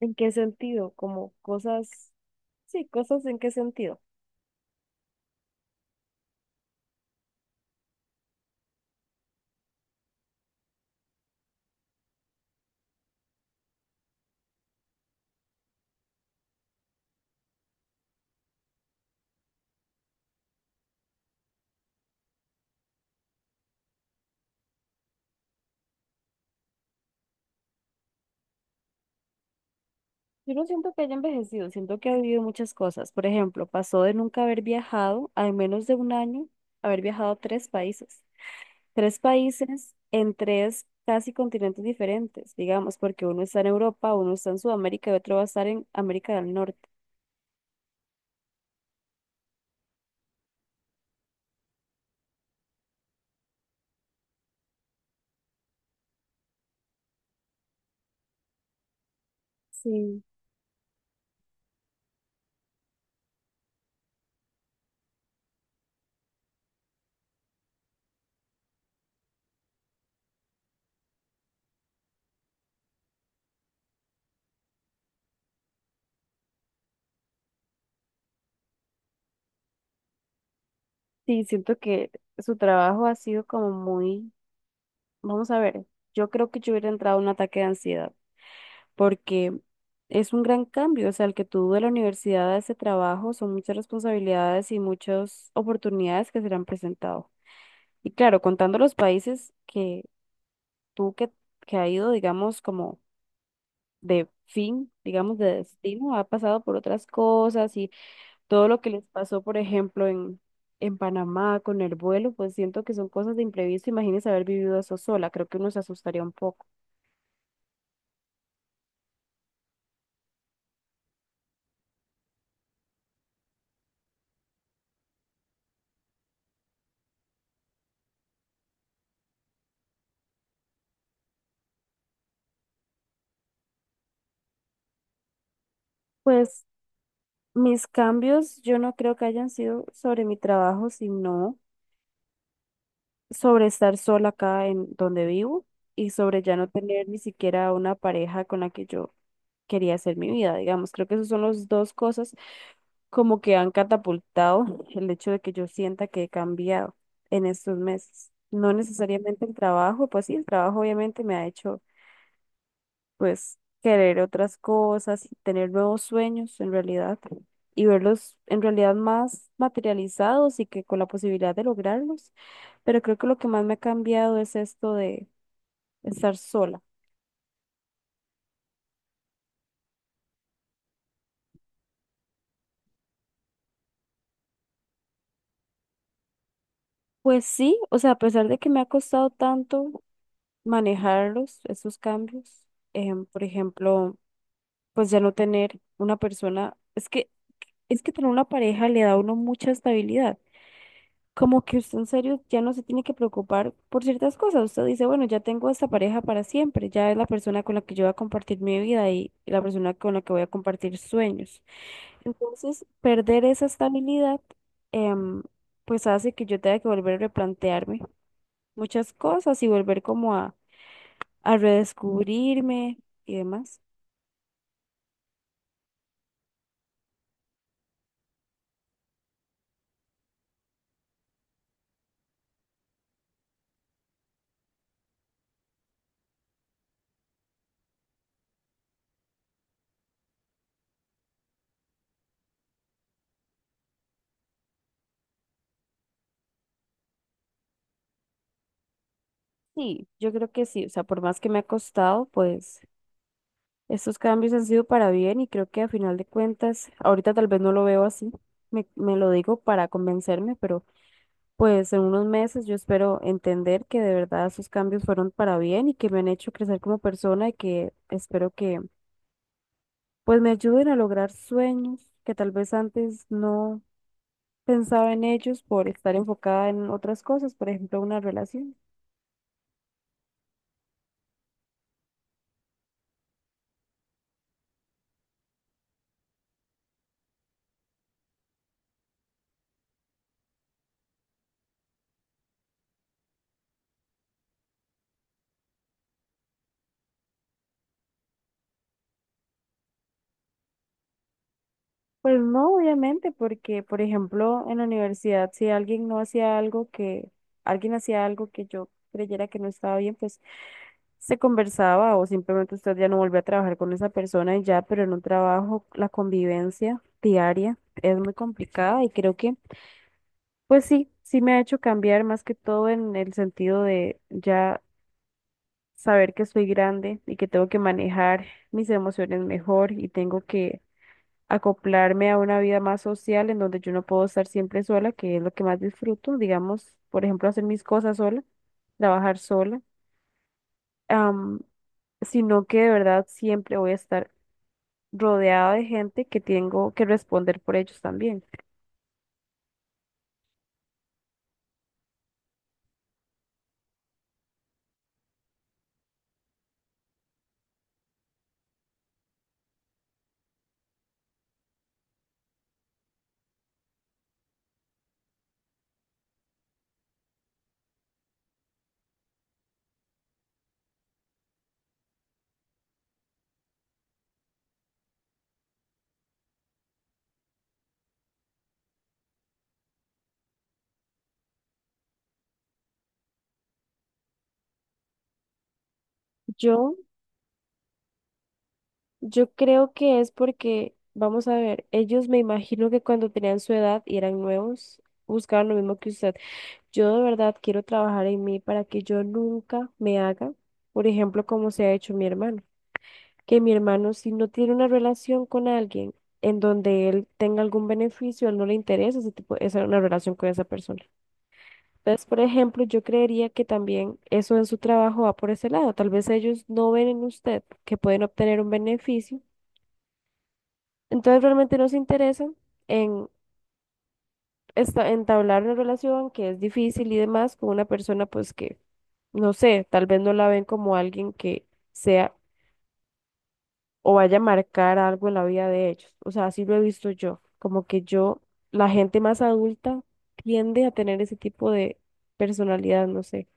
¿En qué sentido? Como cosas, sí, cosas en qué sentido. Yo no siento que haya envejecido, siento que ha vivido muchas cosas. Por ejemplo, pasó de nunca haber viajado, a en menos de un año, haber viajado a tres países. Tres países en tres casi continentes diferentes, digamos, porque uno está en Europa, uno está en Sudamérica y otro va a estar en América del Norte. Sí. Sí, siento que su trabajo ha sido como muy, vamos a ver, yo creo que yo hubiera entrado en un ataque de ansiedad, porque es un gran cambio, o sea, el que tú de la universidad a ese trabajo son muchas responsabilidades y muchas oportunidades que serán presentado. Y claro, contando los países que tú que ha ido, digamos, como de fin, digamos, de destino, ha pasado por otras cosas y todo lo que les pasó, por ejemplo, en Panamá con el vuelo, pues siento que son cosas de imprevisto. Imagínese haber vivido eso sola, creo que uno se asustaría un poco. Pues mis cambios yo no creo que hayan sido sobre mi trabajo, sino sobre estar sola acá en donde vivo y sobre ya no tener ni siquiera una pareja con la que yo quería hacer mi vida, digamos. Creo que esas son las dos cosas como que han catapultado el hecho de que yo sienta que he cambiado en estos meses. No necesariamente el trabajo, pues sí, el trabajo obviamente me ha hecho pues querer otras cosas y tener nuevos sueños en realidad y verlos en realidad más materializados y que con la posibilidad de lograrlos. Pero creo que lo que más me ha cambiado es esto de estar sola. Pues sí, o sea, a pesar de que me ha costado tanto manejarlos, esos cambios, por ejemplo, pues ya no tener una persona, es que tener una pareja le da a uno mucha estabilidad, como que usted en serio ya no se tiene que preocupar por ciertas cosas. Usted dice, bueno, ya tengo esta pareja para siempre, ya es la persona con la que yo voy a compartir mi vida y la persona con la que voy a compartir sueños. Entonces, perder esa estabilidad, em, pues hace que yo tenga que volver a replantearme muchas cosas y volver como a redescubrirme y demás. Sí, yo creo que sí, o sea, por más que me ha costado, pues, estos cambios han sido para bien y creo que a final de cuentas, ahorita tal vez no lo veo así, me lo digo para convencerme, pero pues en unos meses yo espero entender que de verdad esos cambios fueron para bien y que me han hecho crecer como persona y que espero que pues me ayuden a lograr sueños que tal vez antes no pensaba en ellos por estar enfocada en otras cosas, por ejemplo, una relación. Pues no, obviamente, porque, por ejemplo, en la universidad, alguien hacía algo que yo creyera que no estaba bien, pues se conversaba o simplemente usted ya no volvió a trabajar con esa persona y ya, pero en un trabajo, la convivencia diaria es muy complicada y creo que, pues sí, sí me ha hecho cambiar más que todo en el sentido de ya saber que soy grande y que tengo que manejar mis emociones mejor y tengo que acoplarme a una vida más social en donde yo no puedo estar siempre sola, que es lo que más disfruto, digamos, por ejemplo, hacer mis cosas sola, trabajar sola, am, sino que de verdad siempre voy a estar rodeada de gente que tengo que responder por ellos también. Yo, yo creo que es porque, vamos a ver, ellos me imagino que cuando tenían su edad y eran nuevos, buscaban lo mismo que usted. Yo de verdad quiero trabajar en mí para que yo nunca me haga, por ejemplo, como se ha hecho mi hermano, que mi hermano, si no tiene una relación con alguien en donde él tenga algún beneficio, a él no le interesa una relación con esa persona. Entonces, por ejemplo, yo creería que también eso en su trabajo va por ese lado. Tal vez ellos no ven en usted que pueden obtener un beneficio. Entonces, realmente no se interesan en entablar una relación que es difícil y demás con una persona, pues que, no sé, tal vez no la ven como alguien que sea o vaya a marcar algo en la vida de ellos. O sea, así lo he visto yo. Como que yo, la gente más adulta tiende a tener ese tipo de personalidad, no sé.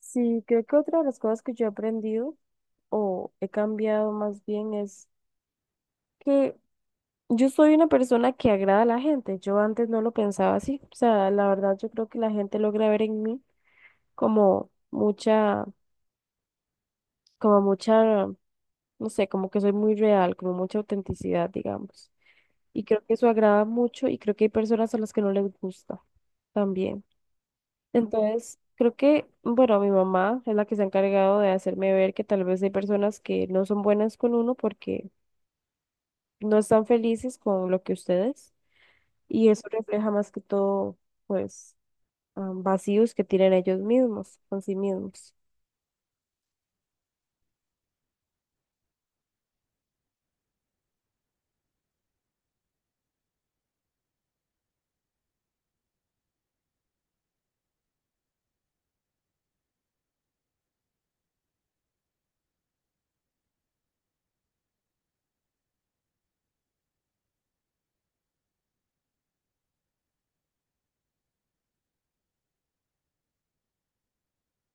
Sí, creo que otra de las cosas que yo he aprendido o he cambiado más bien es que yo soy una persona que agrada a la gente. Yo antes no lo pensaba así. O sea, la verdad yo creo que la gente logra ver en mí como mucha, como mucha, no sé, como que soy muy real, como mucha autenticidad, digamos. Y creo que eso agrada mucho y creo que hay personas a las que no les gusta también. Entonces, creo que, bueno, mi mamá es la que se ha encargado de hacerme ver que tal vez hay personas que no son buenas con uno porque no están felices con lo que ustedes y eso refleja más que todo, pues, ah, vacíos que tienen ellos mismos, con sí mismos.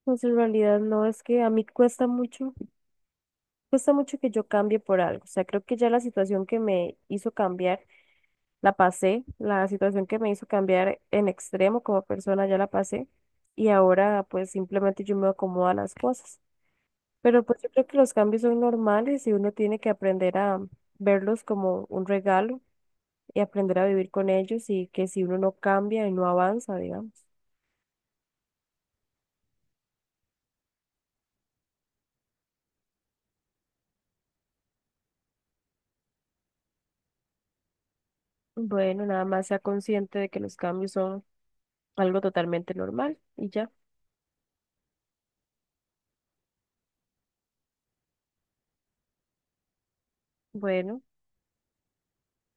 Pues en realidad no, es que a mí cuesta mucho que yo cambie por algo. O sea, creo que ya la situación que me hizo cambiar la pasé, la situación que me hizo cambiar en extremo como persona ya la pasé y ahora pues simplemente yo me acomodo a las cosas. Pero pues yo creo que los cambios son normales y uno tiene que aprender a verlos como un regalo y aprender a vivir con ellos y que si uno no cambia y no avanza, digamos. Bueno, nada más sea consciente de que los cambios son algo totalmente normal y ya. Bueno.